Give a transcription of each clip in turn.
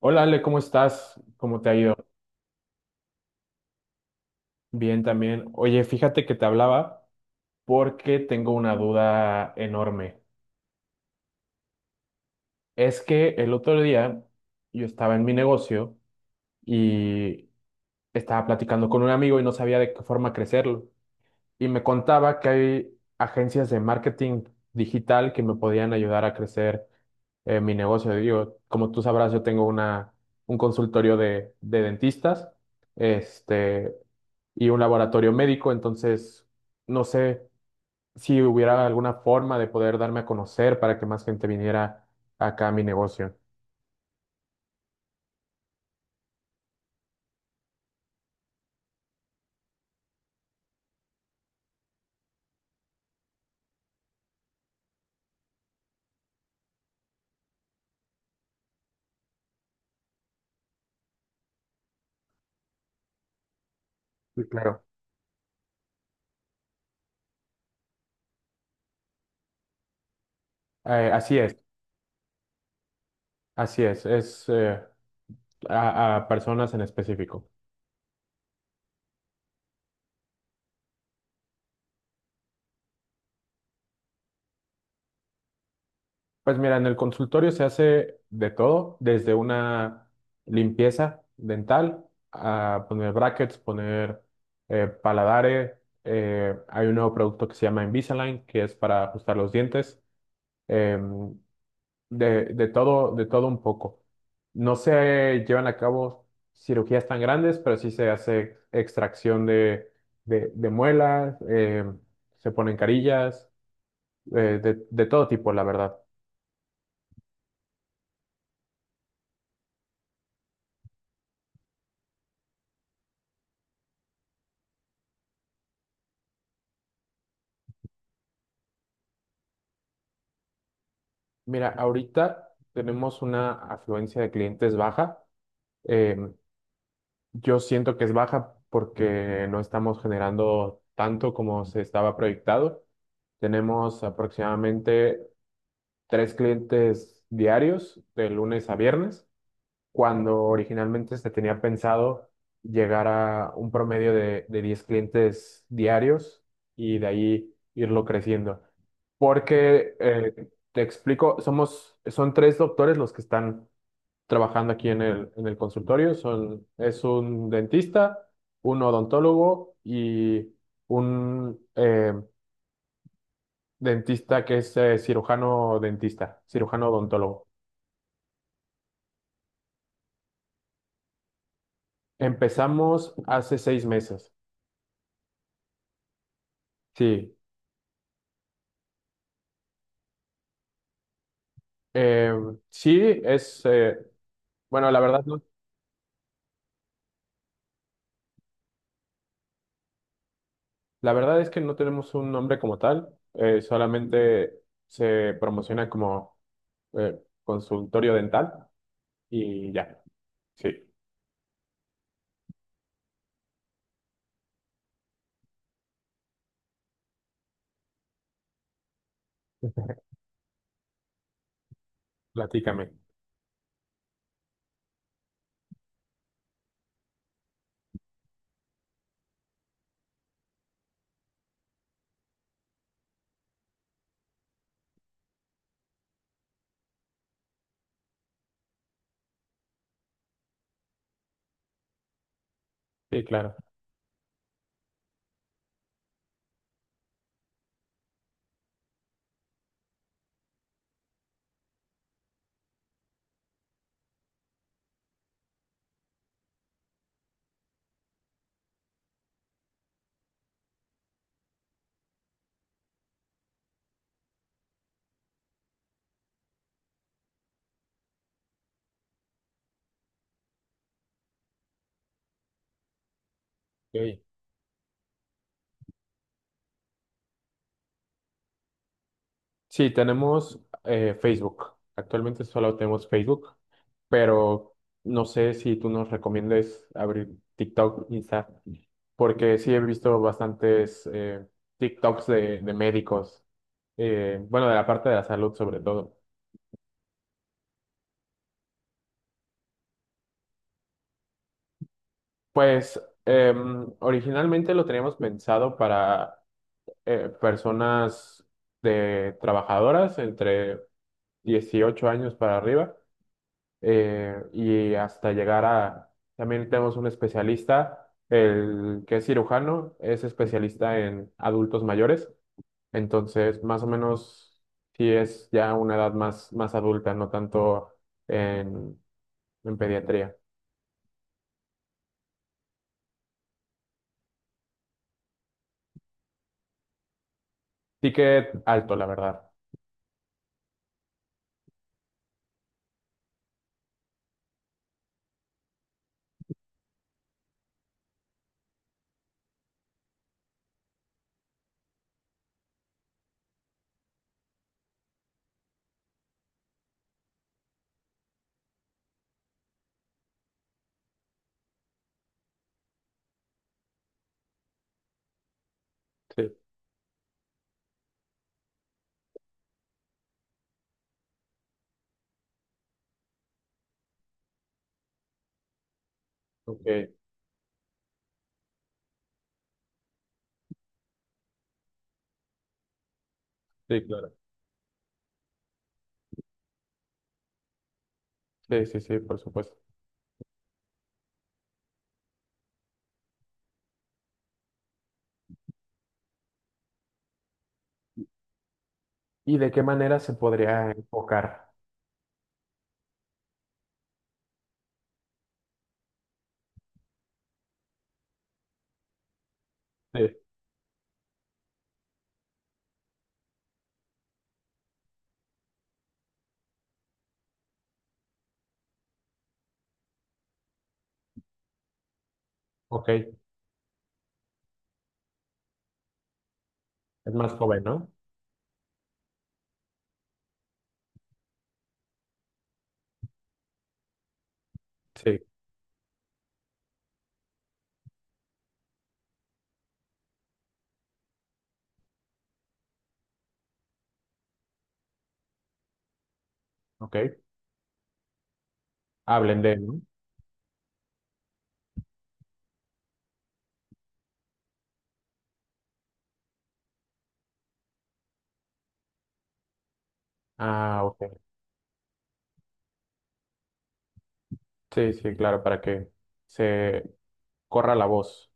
Hola Ale, ¿cómo estás? ¿Cómo te ha ido? Bien también. Oye, fíjate que te hablaba porque tengo una duda enorme. Es que el otro día yo estaba en mi negocio y estaba platicando con un amigo y no sabía de qué forma crecerlo. Y me contaba que hay agencias de marketing digital que me podían ayudar a crecer mi negocio. Digo, como tú sabrás, yo tengo un consultorio de dentistas, este, y un laboratorio médico. Entonces no sé si hubiera alguna forma de poder darme a conocer para que más gente viniera acá a mi negocio. Sí, claro. Así es. Así es a personas en específico. Pues mira, en el consultorio se hace de todo, desde una limpieza dental, a poner brackets, poner paladares. Hay un nuevo producto que se llama Invisalign, que es para ajustar los dientes. em, de todo, de todo un poco. No se llevan a cabo cirugías tan grandes, pero sí se hace extracción de muelas. Se ponen carillas, de todo tipo, la verdad. Mira, ahorita tenemos una afluencia de clientes baja. Em, yo siento que es baja porque no estamos generando tanto como se estaba proyectado. Tenemos aproximadamente tres clientes diarios de lunes a viernes cuando originalmente se tenía pensado llegar a un promedio de 10 clientes diarios y de ahí irlo creciendo. Porque, te explico, son tres doctores los que están trabajando aquí en el consultorio. Es un dentista, un odontólogo y un dentista que es cirujano dentista, cirujano odontólogo. Empezamos hace 6 meses. Sí. Eh, sí, es, bueno, la verdad, la verdad es que no tenemos un nombre como tal. Solamente se promociona como consultorio dental y ya. Sí, platícame. Sí, claro. Ok. Sí, tenemos Facebook. Actualmente solo tenemos Facebook, pero no sé si tú nos recomiendes abrir TikTok, Insta. Porque sí he visto bastantes TikToks de médicos. Bueno, de la parte de la salud sobre todo. Pues originalmente lo teníamos pensado para personas de trabajadoras entre 18 años para arriba. Y hasta llegar a, también tenemos un especialista, el que es cirujano, es especialista en adultos mayores. Entonces, más o menos, sí es ya una edad más, más adulta, no tanto en, en pediatría. Ticket alto, la verdad. Sí. Ok. Sí, claro. Sí, sí, sí, por supuesto. ¿Y de qué manera se podría enfocar? Sí. Ok, es más joven, ¿no? Sí. Ok. Hablen de, ¿no? Ah, ok. Sí, sí, claro, para que se corra la voz.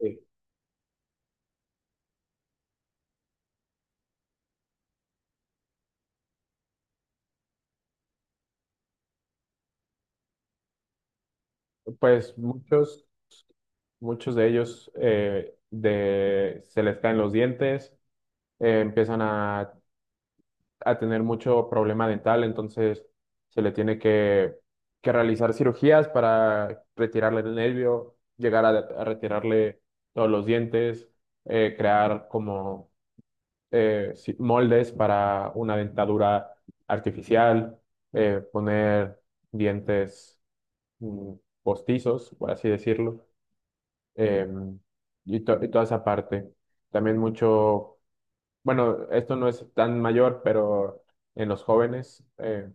Sí. Pues muchos, muchos de ellos se les caen los dientes. Empiezan a tener mucho problema dental, entonces se le tiene que realizar cirugías para retirarle el nervio, llegar a retirarle todos los dientes. Crear como moldes para una dentadura artificial. Poner dientes mm, postizos, por así decirlo. em, y, y toda esa parte. También mucho bueno, esto no es tan mayor, pero en los jóvenes,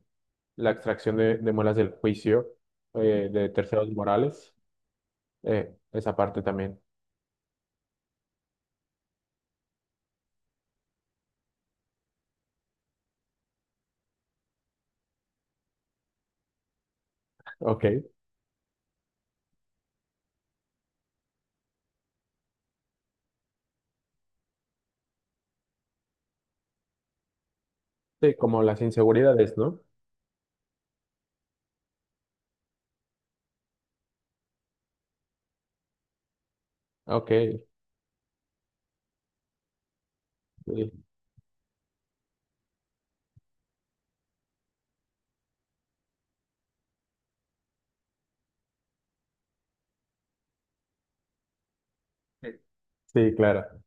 la extracción de muelas del juicio. De terceros morales, esa parte también. Ok. Sí, como las inseguridades, ¿no? Ok. Sí, sí, claro.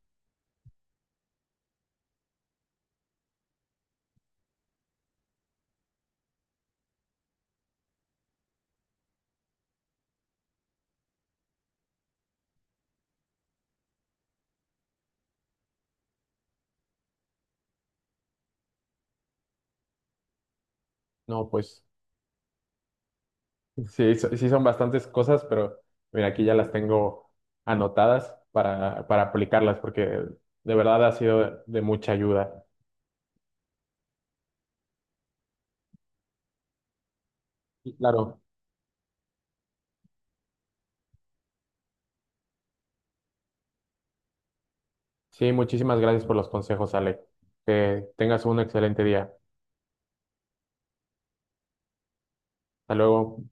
No, pues sí, sí son bastantes cosas, pero mira, aquí ya las tengo anotadas para aplicarlas, porque de verdad ha sido de mucha ayuda. Y claro. Sí, muchísimas gracias por los consejos, Ale. Que tengas un excelente día. Hasta luego.